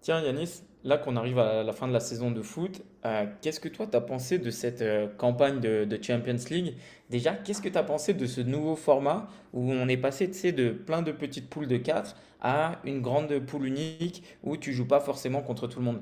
Tiens Yanis, là qu'on arrive à la fin de la saison de foot, qu'est-ce que toi t'as pensé de cette campagne de Champions League? Déjà, qu'est-ce que t'as pensé de ce nouveau format où on est passé, tu sais, de plein de petites poules de 4 à une grande poule unique où tu joues pas forcément contre tout le monde?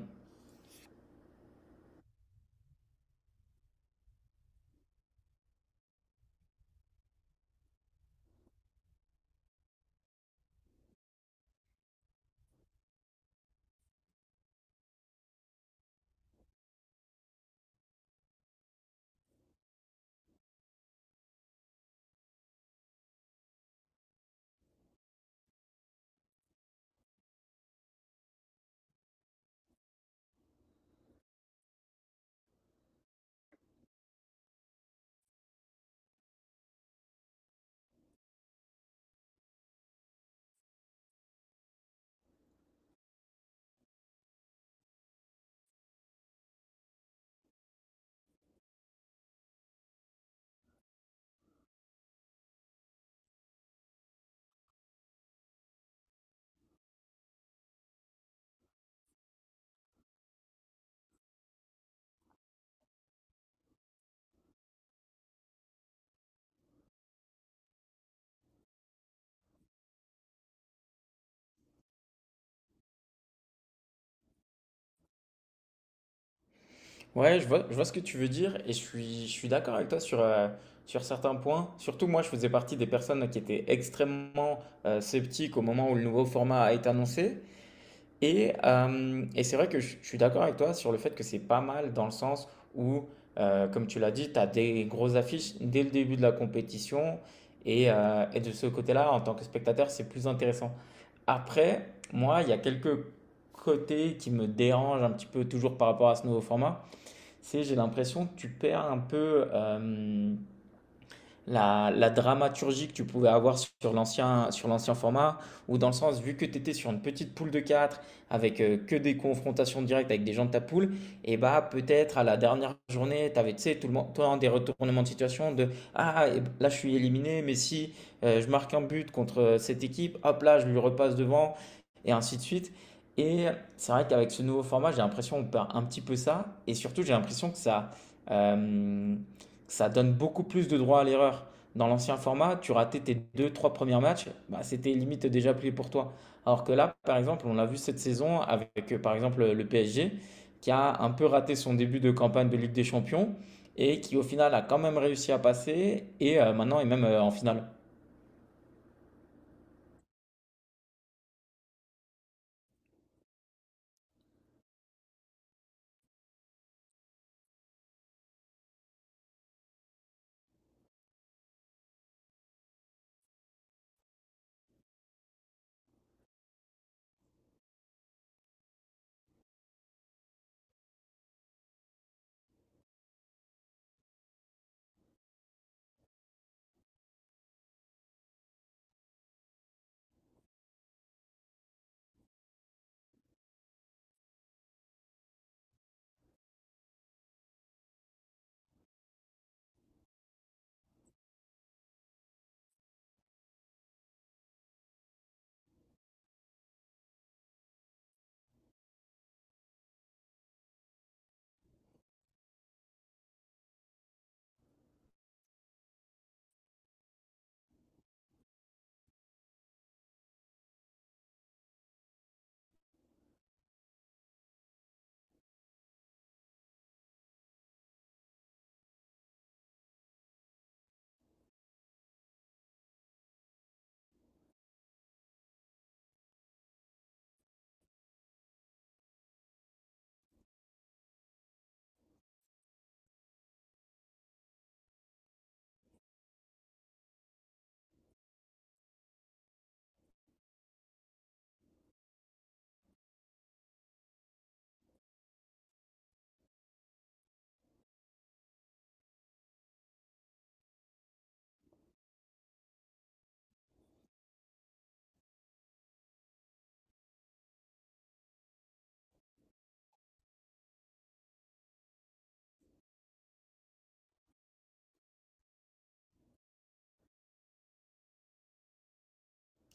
Ouais, je vois ce que tu veux dire et je suis d'accord avec toi sur, sur certains points. Surtout moi, je faisais partie des personnes qui étaient extrêmement sceptiques au moment où le nouveau format a été annoncé. Et c'est vrai que je suis d'accord avec toi sur le fait que c'est pas mal dans le sens où, comme tu l'as dit, tu as des grosses affiches dès le début de la compétition. Et de ce côté-là, en tant que spectateur, c'est plus intéressant. Après, moi, il y a quelques côtés qui me dérangent un petit peu toujours par rapport à ce nouveau format. C'est j'ai l'impression que tu perds un peu la dramaturgie que tu pouvais avoir sur l'ancien format, ou dans le sens, vu que tu étais sur une petite poule de 4 avec que des confrontations directes avec des gens de ta poule, et bah peut-être à la dernière journée, tu avais tu sais, tout le monde, toi, des retournements de situation de Ah, là je suis éliminé, mais si je marque un but contre cette équipe, hop là, je lui repasse devant, et ainsi de suite. Et c'est vrai qu'avec ce nouveau format, j'ai l'impression qu'on perd un petit peu ça, et surtout j'ai l'impression que ça. euh, ça donne beaucoup plus de droit à l'erreur. Dans l'ancien format, tu ratais tes deux, trois premiers matchs, bah, c'était limite déjà plié pour toi. Alors que là, par exemple, on l'a vu cette saison avec, par exemple, le PSG, qui a un peu raté son début de campagne de Ligue des Champions et qui, au final, a quand même réussi à passer et maintenant est même en finale.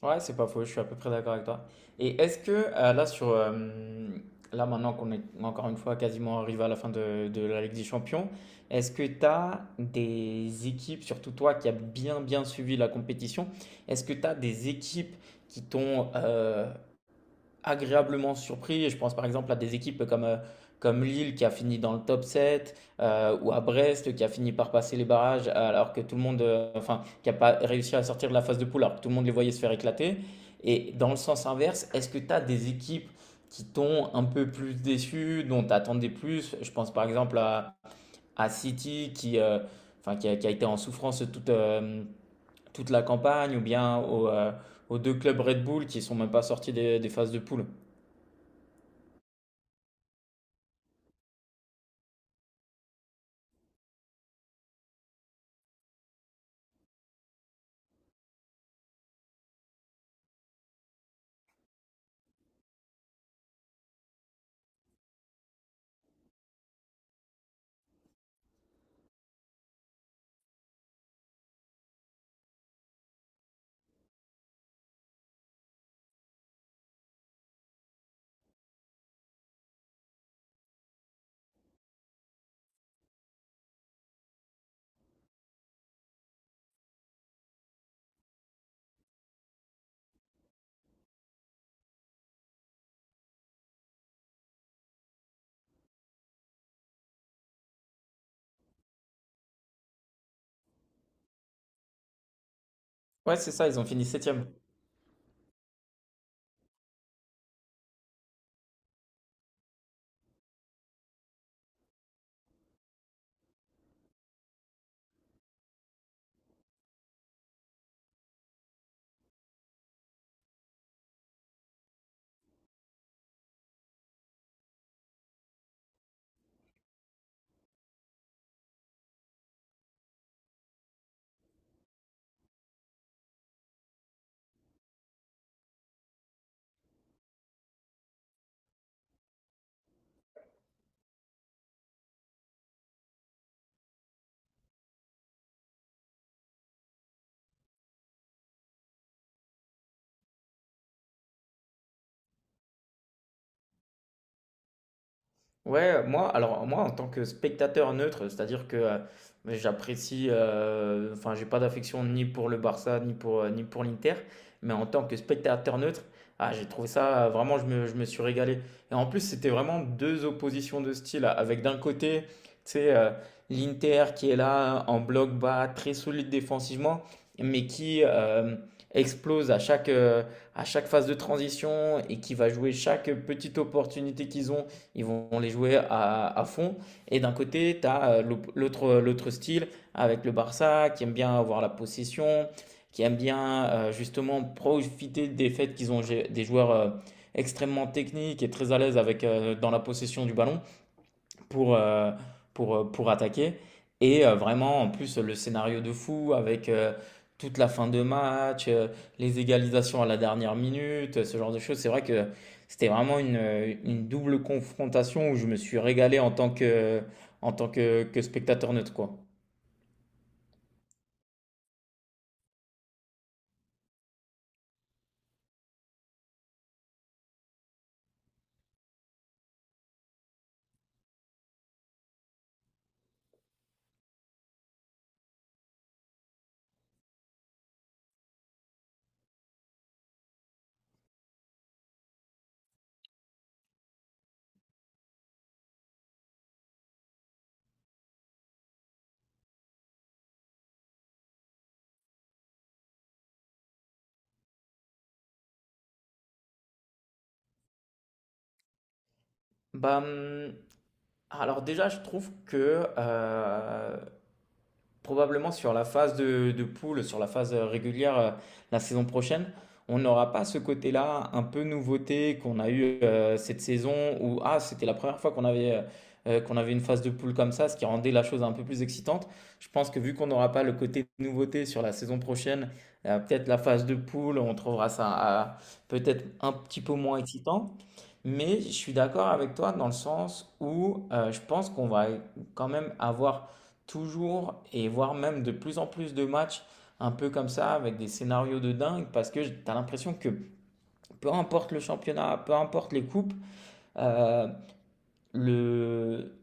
Ouais, c'est pas faux, je suis à peu près d'accord avec toi. Et est-ce que là, sur, là maintenant qu'on est encore une fois quasiment arrivé à la fin de la Ligue des Champions, est-ce que tu as des équipes, surtout toi qui as bien bien suivi la compétition, est-ce que tu as des équipes qui t'ont agréablement surpris. Je pense par exemple à des équipes comme, comme Lille qui a fini dans le top 7 ou à Brest qui a fini par passer les barrages alors que tout le monde, enfin, qui n'a pas réussi à sortir de la phase de poule alors que tout le monde les voyait se faire éclater. Et dans le sens inverse, est-ce que tu as des équipes qui t'ont un peu plus déçu, dont tu attendais plus? Je pense par exemple à City qui, enfin, qui a été en souffrance toute, toute la campagne ou bien aux, aux deux clubs Red Bull qui ne sont même pas sortis des phases de poule. Ouais, c'est ça, ils ont fini septième. Ouais, moi, alors moi, en tant que spectateur neutre, c'est-à-dire que j'apprécie, enfin, j'ai pas d'affection ni pour le Barça, ni pour, ni pour l'Inter, mais en tant que spectateur neutre, ah, j'ai trouvé ça, vraiment, je me suis régalé. Et en plus, c'était vraiment deux oppositions de style, hein. Avec d'un côté, tu sais, l'Inter qui est là, en bloc bas, très solide défensivement, mais qui explose à chaque phase de transition et qui va jouer chaque petite opportunité qu'ils ont ils vont les jouer à fond. Et d'un côté, tu as l'autre style avec le Barça qui aime bien avoir la possession, qui aime bien justement profiter des faits qu'ils ont des joueurs extrêmement techniques et très à l'aise avec dans la possession du ballon pour, pour attaquer. Et vraiment, en plus, le scénario de fou avec toute la fin de match, les égalisations à la dernière minute, ce genre de choses. C'est vrai que c'était vraiment une double confrontation où je me suis régalé en tant que, en tant que spectateur neutre, quoi. Bah, alors déjà, je trouve que probablement sur la phase de poule, sur la phase régulière la saison prochaine, on n'aura pas ce côté-là un peu nouveauté qu'on a eu cette saison où ah, c'était la première fois qu'on avait une phase de poule comme ça, ce qui rendait la chose un peu plus excitante. Je pense que vu qu'on n'aura pas le côté nouveauté sur la saison prochaine, peut-être la phase de poule, on trouvera ça peut-être un petit peu moins excitant. Mais je suis d'accord avec toi dans le sens où je pense qu'on va quand même avoir toujours et voire même de plus en plus de matchs un peu comme ça avec des scénarios de dingue parce que tu as l'impression que peu importe le championnat, peu importe les coupes, euh, le...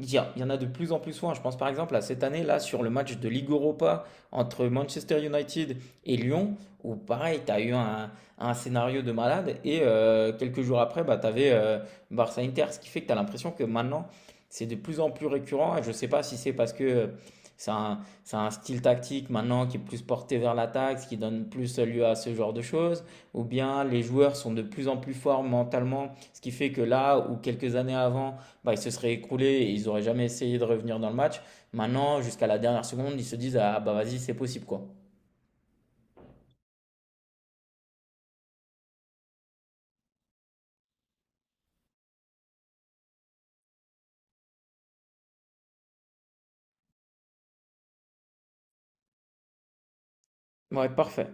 Il y a- il y en a de plus en plus souvent. Je pense par exemple à cette année là sur le match de Ligue Europa entre Manchester United et Lyon, où pareil, tu as eu un scénario de malade et quelques jours après, bah, tu avais Barça-Inter, ce qui fait que tu as l'impression que maintenant c'est de plus en plus récurrent. Et je ne sais pas si c'est parce que c'est un style tactique maintenant qui est plus porté vers l'attaque, ce qui donne plus lieu à ce genre de choses ou bien les joueurs sont de plus en plus forts mentalement, ce qui fait que là, ou quelques années avant, bah, ils se seraient écroulés et ils n'auraient jamais essayé de revenir dans le match. Maintenant, jusqu'à la dernière seconde, ils se disent Ah bah vas-y, c'est possible quoi. Ouais, parfait.